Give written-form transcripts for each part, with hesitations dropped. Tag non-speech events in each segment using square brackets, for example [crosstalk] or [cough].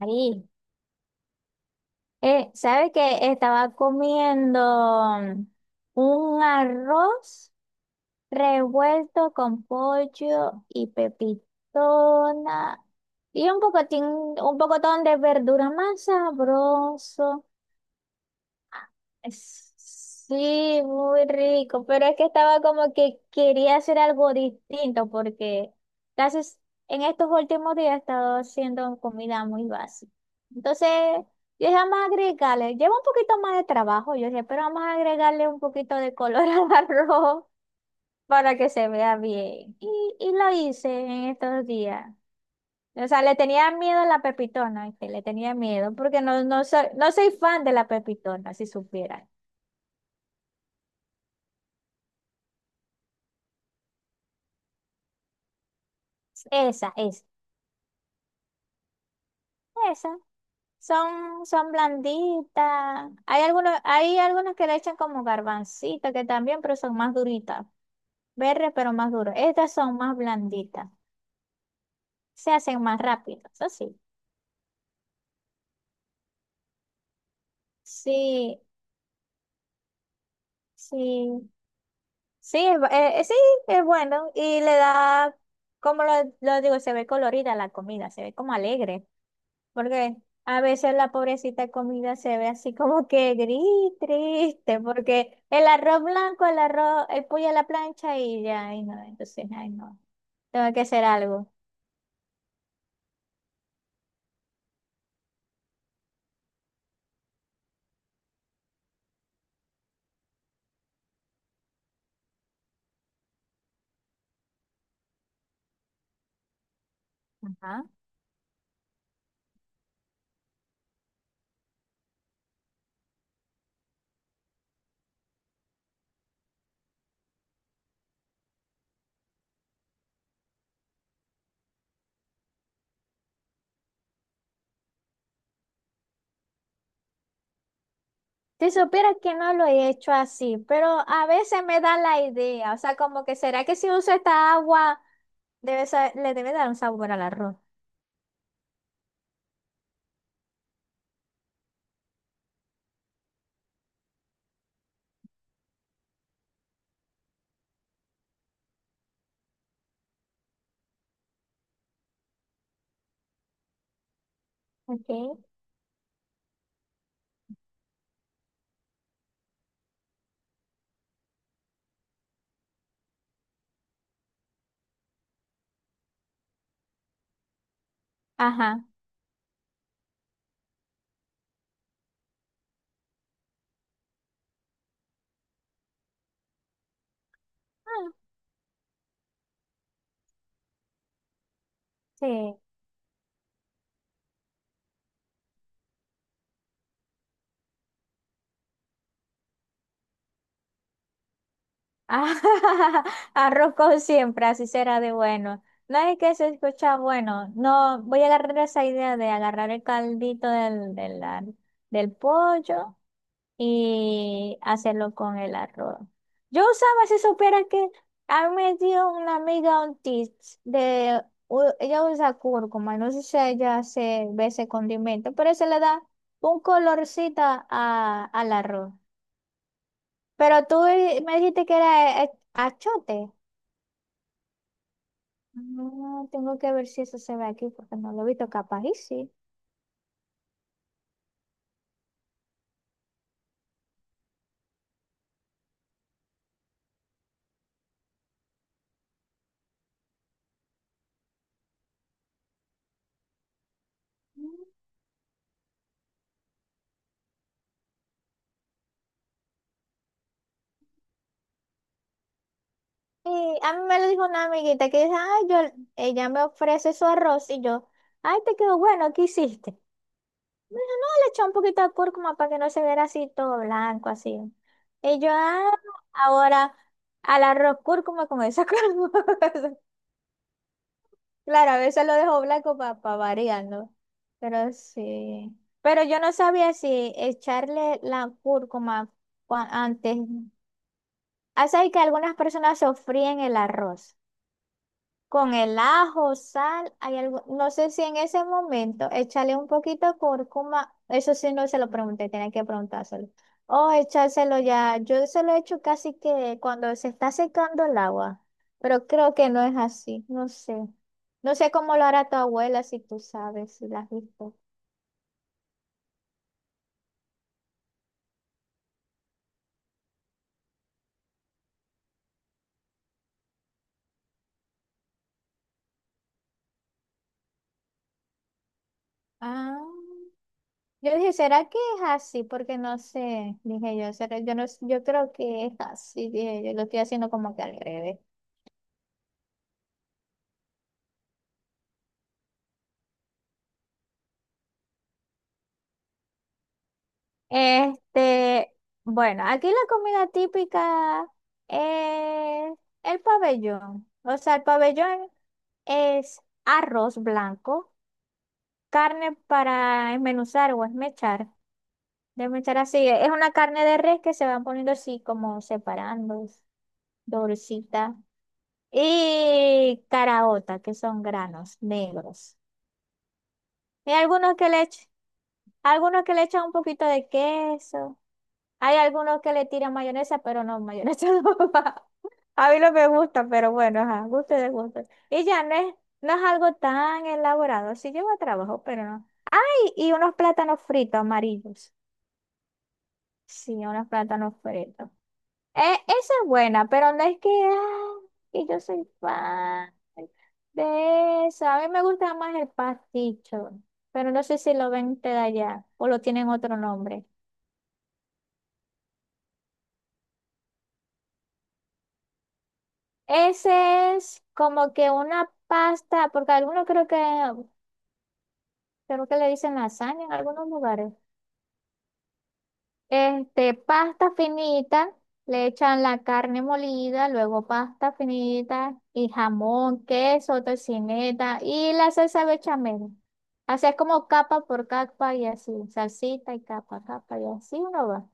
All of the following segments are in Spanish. Ahí. ¿Sabe qué? Estaba comiendo un arroz revuelto con pollo y pepitona y un pocotín, un pocotón de verdura más sabroso. Es- Sí, muy rico, pero es que estaba como que quería hacer algo distinto porque casi s- en estos últimos días he estado haciendo comida muy básica. Entonces, yo dije, vamos a agregarle, lleva un poquito más de trabajo, yo dije, pero vamos a agregarle un poquito de color [laughs] al arroz para que se vea bien. Y lo hice en estos días. O sea, le tenía miedo a la pepitona, que le tenía miedo, porque no, no soy fan de la pepitona, si supieran. Esa, esa, esa. Son blanditas. Hay algunos que le echan como garbancito, que también, pero son más duritas. Verdes, pero más duras. Estas son más blanditas. Se hacen más rápido. Eso sí. Sí, sí. Sí, es bueno. Y le da, como lo digo, se ve colorida la comida, se ve como alegre. Porque a veces la pobrecita comida se ve así como que gris, triste, porque el arroz blanco, el arroz, el pollo a la plancha y ya, ay no, entonces, ay no, tengo que hacer algo. Ajá. Si supieras que no lo he hecho así, pero a veces me da la idea, o sea, como que será que si uso esta agua debe sa- le debe dar un sabor al arroz. Okay. Ajá. Ah, sí. Ah, [laughs] arroz con siempre, así será de bueno. No es que se escucha bueno. No, voy a agarrar esa idea de agarrar el caldito del pollo y hacerlo con el arroz. Yo usaba, si supiera que a mí me dio una amiga un tips de, ella usa cúrcuma, no sé si ella se ve ese condimento, pero se le da un colorcito al arroz. Pero tú me dijiste que era achote. No, tengo que ver si eso se ve aquí porque no lo he visto, capaz y sí. Mm. Y a mí me lo dijo una amiguita que dice, ay, yo, ella me ofrece su arroz y yo, ay, te quedó bueno, ¿qué hiciste? Me dijo, no, le eché un poquito de cúrcuma para que no se viera así todo blanco, así. Y yo, ah, ahora al arroz cúrcuma con esa [laughs] cúrcuma. Claro, a veces lo dejo blanco para variar, ¿no? Pero sí. Pero yo no sabía si echarle la cúrcuma antes. Ah, sabes que algunas personas sofríen el arroz con el ajo, sal, hay algo, no sé si en ese momento échale un poquito de cúrcuma, eso sí no se lo pregunté, tenía que preguntárselo. O echárselo ya, yo se lo he hecho casi que cuando se está secando el agua, pero creo que no es así, no sé. No sé cómo lo hará tu abuela, si tú sabes, si la has visto. Ah. Yo dije, ¿será que es así? Porque no sé, dije yo, ¿será? Yo no, yo creo que es así, dije yo, lo estoy haciendo como que al revés. Este, bueno, aquí la comida típica es el pabellón. O sea, el pabellón es arroz blanco, carne para esmenuzar o esmechar. Desmechar así, es una carne de res que se van poniendo así como separando, dorcita. Y caraota, que son granos negros. Hay algunos que le echan un poquito de queso. Hay algunos que le tiran mayonesa, pero no, mayonesa [laughs] no va. A mí no me gusta, pero bueno, ajá, gusto de gusto. Y ya no es algo tan elaborado. Sí lleva trabajo, pero no. Y unos plátanos fritos amarillos. Sí, unos plátanos fritos. Eh, Esa es buena, pero no es que, ah, que yo soy fan de esa. A mí me gusta más el pasticho, pero no sé si lo ven de allá o lo tienen otro nombre. Ese es como que una pasta, porque algunos creo que le dicen lasaña en algunos lugares. Este, pasta finita, le echan la carne molida, luego pasta finita y jamón, queso, tocineta y la salsa bechamel. Así es como capa por capa y así, salsita y capa, capa y así uno va.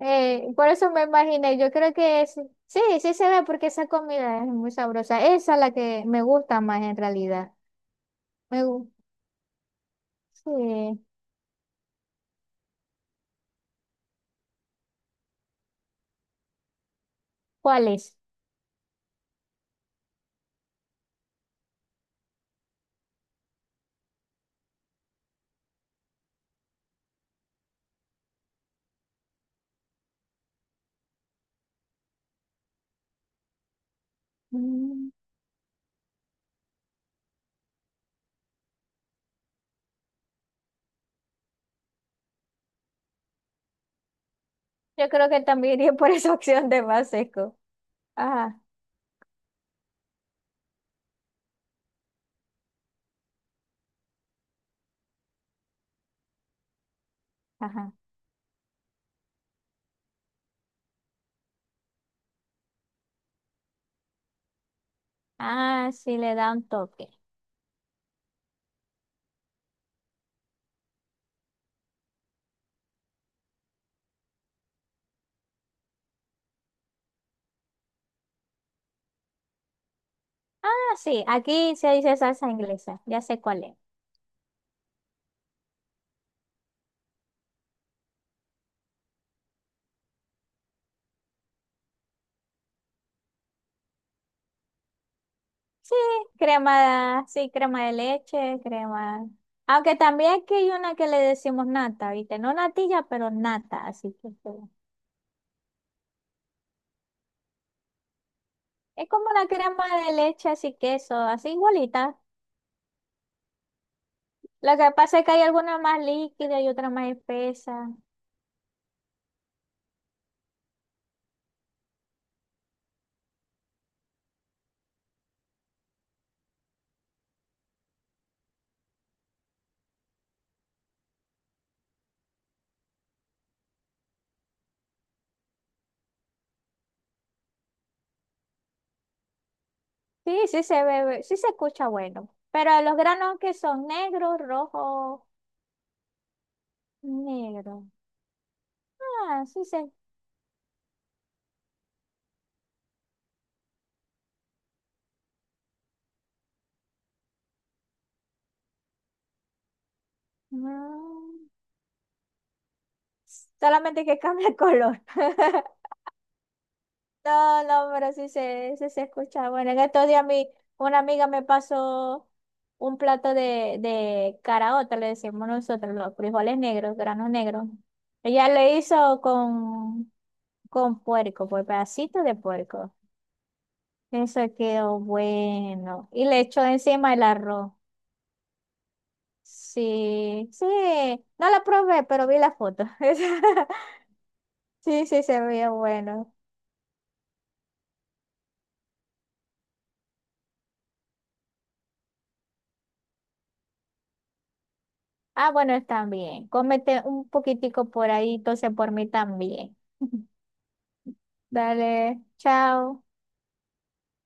Por eso me imaginé, yo creo que sí, sí se ve porque esa comida es muy sabrosa. Esa es la que me gusta más en realidad. Me, gu- sí. ¿Cuál es? Mm, Yo creo que también [laughs] iría por esa opción de más seco. Ajá. Ajá. Ah, sí, le da un toque. Ah, sí, aquí se dice salsa inglesa, ya sé cuál es. Sí, sí, crema de leche, crema. Aunque también aquí hay una que le decimos nata, ¿viste? No natilla, pero nata, así que es como la crema de leche, así queso, así igualita. Lo que pasa es que hay alguna más líquida y otra más espesa. Sí, sí se bebe, sí se escucha bueno. Pero los granos que son negros, rojo, negro. Ah, sí, Mm, solamente que cambia el color. [laughs] No, no, pero sí se escucha. Bueno, en estos días mi, una amiga me pasó un plato de caraota, le decimos nosotros, los frijoles negros, granos negros. Ella le hizo con puerco, pues pedacitos de puerco. Eso quedó bueno. Y le echó encima el arroz. Sí, sí. No la probé, pero vi la foto. [laughs] Sí, sí, se veía bueno. Ah, bueno, está bien. Cómete un poquitico por ahí, entonces por mí también. [laughs] Dale, chao.